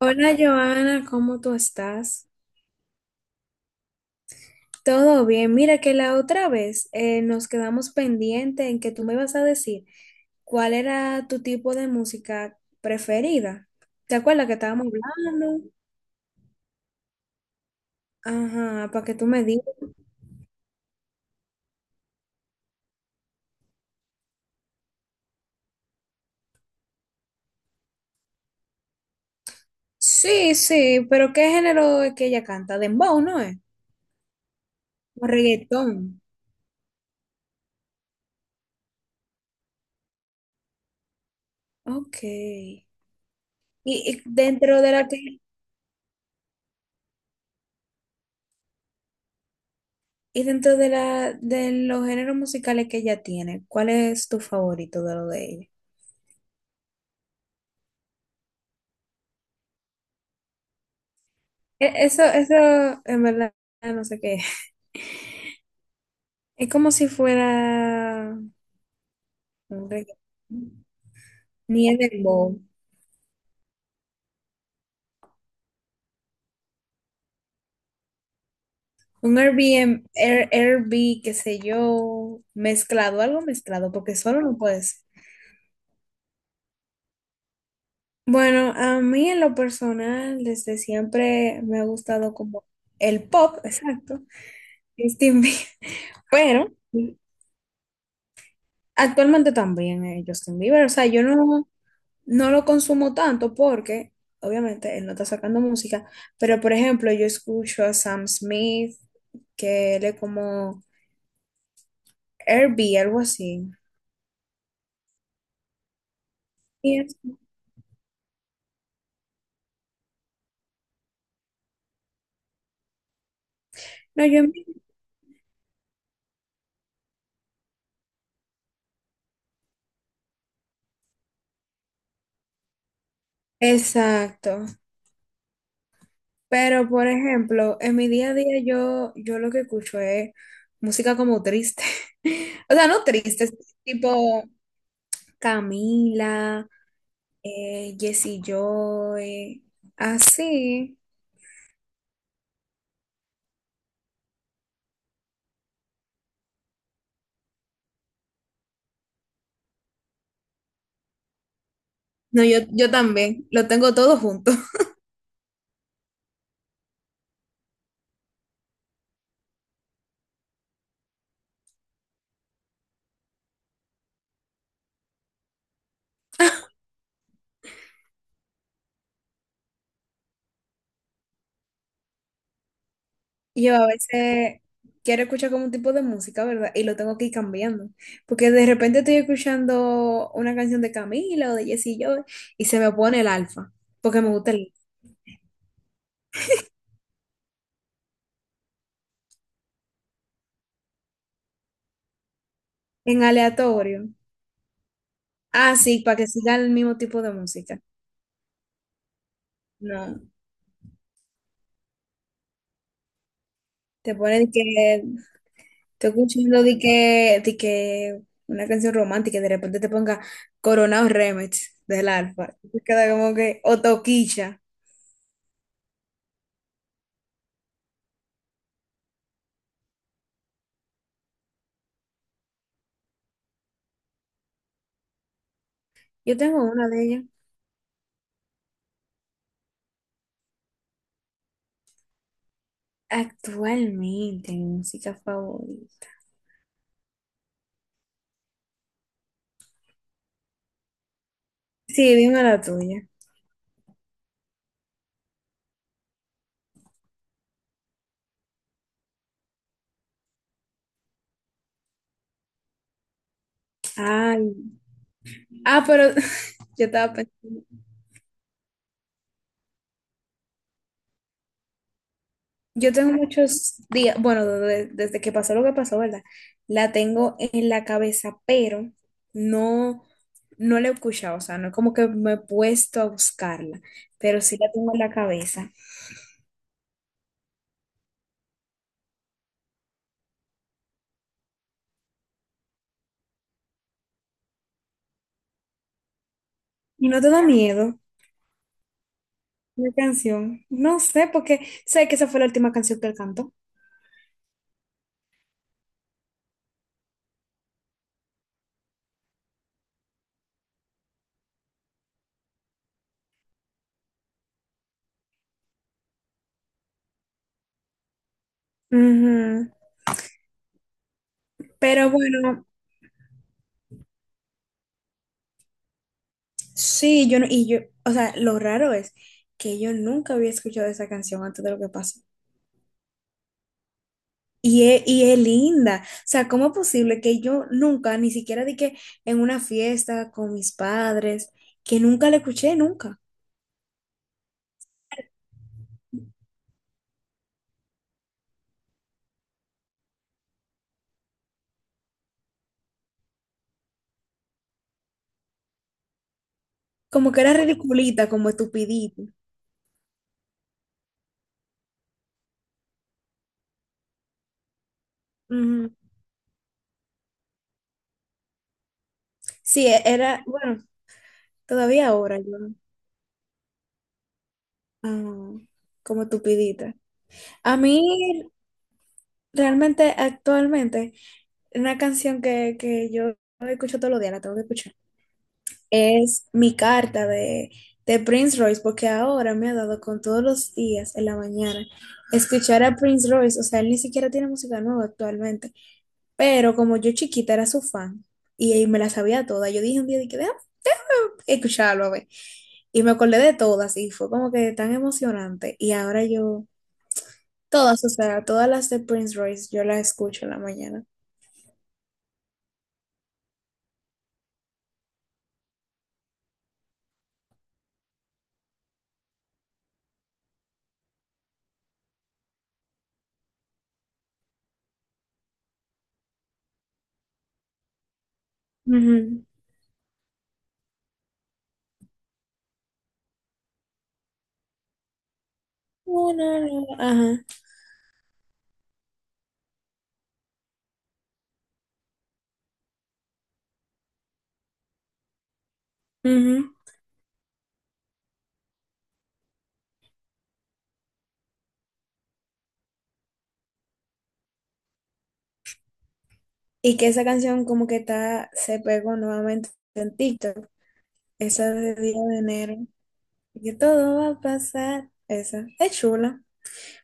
Hola Joana, ¿cómo tú estás? Todo bien. Mira que la otra vez nos quedamos pendiente en que tú me ibas a decir cuál era tu tipo de música preferida. ¿Te acuerdas que estábamos hablando? Ajá, para que tú me digas. Sí, sí, pero ¿qué género es que ella canta? Dembow, ¿no es? O reggaetón. Ok. Y dentro de la que, y dentro de la de los géneros musicales que ella tiene, ¿cuál es tu favorito de lo de ella? Eso, eso en verdad no sé qué es. Es como si fuera un ni es dembow, un Airbnb, Air, Airbnb, qué sé yo, mezclado, algo mezclado, porque solo no puede ser. Bueno, a mí en lo personal, desde siempre me ha gustado como el pop, exacto, Justin Bieber, pero actualmente también Justin Bieber, o sea, yo no. No lo consumo tanto porque, obviamente, él no está sacando música, pero por ejemplo, yo escucho a Sam Smith, que él es como Herbie, algo así. Y es- no, yo, exacto. Pero por ejemplo, en mi día a día yo lo que escucho es música como triste. O sea, no triste, es tipo Camila, Jessie Joy, así. No, yo también, lo tengo todo junto. Yo a veces quiero escuchar como un tipo de música, ¿verdad? Y lo tengo que ir cambiando. Porque de repente estoy escuchando una canción de Camila o de Jessie Joy y se me pone el alfa. Porque me gusta el en aleatorio. Ah, sí, para que siga el mismo tipo de música. No. Te pone de que estoy escuchando de que una canción romántica y de repente te ponga Coronado Remix del alfa. Y te queda como que, o Toquicha. Yo tengo una de ellas. Actualmente, mi música favorita. Sí, dime la tuya. Ay. Ah, pero yo estaba pensando. Yo tengo muchos días, bueno, desde que pasó lo que pasó, ¿verdad? La tengo en la cabeza, pero no, no la he escuchado, o sea, no es como que me he puesto a buscarla, pero sí la tengo en la cabeza. ¿Y no te da miedo la canción? No sé, porque sé que esa fue la última canción que él cantó. Ujú. Pero bueno, sí, yo no, y yo, o sea, lo raro es que yo nunca había escuchado esa canción antes de lo que pasó. Y es linda. O sea, ¿cómo es posible que yo nunca, ni siquiera de que en una fiesta con mis padres, que nunca la escuché, nunca? Como que era ridiculita, como estupidita. Ujú. Sí, era, bueno, todavía ahora yo, ah, como estupidita. A mí realmente, actualmente, una canción que yo escucho todos los días, la tengo que escuchar, es Mi Carta de Prince Royce, porque ahora me ha dado con todos los días en la mañana escuchar a Prince Royce, o sea, él ni siquiera tiene música nueva actualmente, pero como yo chiquita era su fan y me la sabía toda, yo dije un día, dije, déjame escucharlo, a ver, y me acordé de todas y fue como que tan emocionante y ahora yo, todas, o sea, todas las de Prince Royce, yo las escucho en la mañana. Ujú. Una, no, no, no. Ajá. Ujú. Y que esa canción como que está, se pegó nuevamente en TikTok. Esa de Día de Enero. Y que todo va a pasar. Esa. Es chula.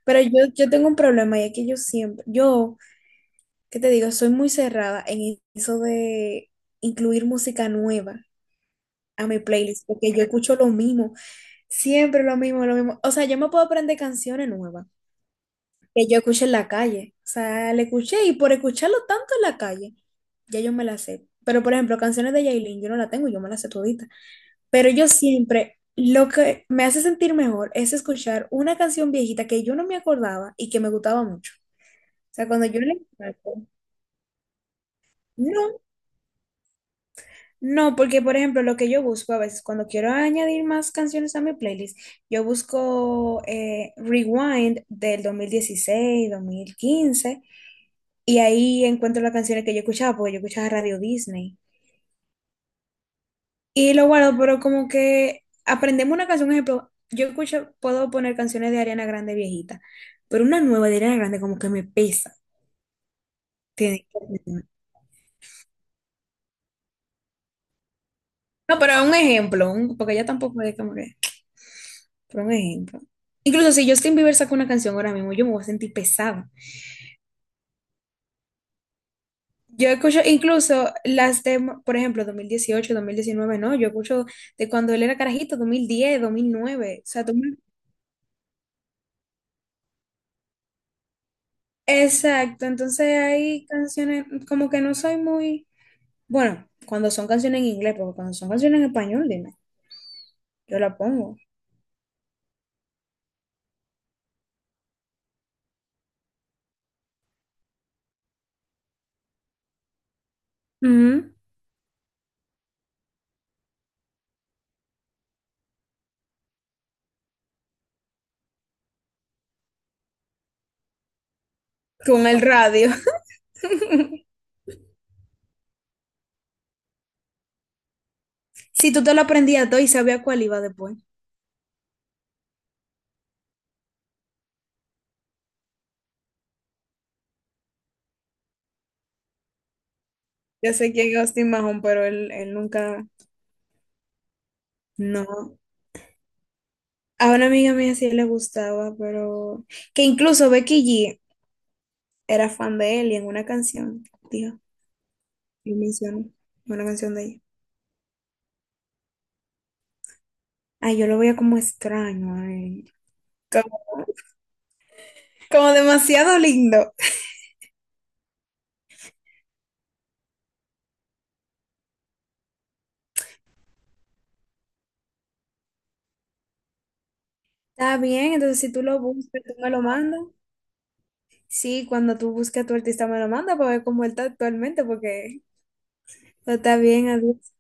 Pero yo tengo un problema y es que yo siempre, yo, ¿qué te digo? Soy muy cerrada en eso de incluir música nueva a mi playlist porque yo escucho lo mismo. Siempre lo mismo, lo mismo. O sea, yo me puedo aprender canciones nuevas que yo escuché en la calle. O sea, le escuché y por escucharlo tanto en la calle, ya yo me las sé. Pero, por ejemplo, canciones de Yailin, yo no la tengo, yo me las sé todita. Pero yo siempre, lo que me hace sentir mejor es escuchar una canción viejita que yo no me acordaba y que me gustaba mucho. O sea, cuando yo la escucho, no. No, porque por ejemplo, lo que yo busco a veces cuando quiero añadir más canciones a mi playlist, yo busco Rewind del 2016, 2015, y ahí encuentro las canciones que yo escuchaba, porque yo escuchaba Radio Disney. Y lo guardo, pero como que aprendemos una canción, ejemplo, yo escucho, puedo poner canciones de Ariana Grande viejita, pero una nueva de Ariana Grande como que me pesa. Tiene que- No, pero un ejemplo, porque ella tampoco es como que... por un ejemplo. Incluso si Justin Bieber saca una canción ahora mismo, yo me voy a sentir pesada. Yo escucho incluso las de, por ejemplo, 2018 2019 no, yo escucho de cuando él era carajito, 2010 2009 o sea, 2000 exacto, entonces hay canciones como que no soy muy, bueno, cuando son canciones en inglés, porque cuando son canciones en español, dime, yo la pongo. Ujú. Con el radio. Si tú te lo aprendías todo y sabías cuál iba después. Ya sé quién es Austin Mahon, pero él nunca, no. A una amiga mía sí le gustaba, pero que incluso Becky G era fan de él y en una canción, dijo, él mencionó una canción de ella. Ay, yo lo veía como extraño, a él, como, como demasiado lindo. Está bien, entonces si tú lo buscas, tú me lo mandas. Sí, cuando tú busques a tu artista, me lo mandas para ver cómo él está actualmente, porque está bien, adiós.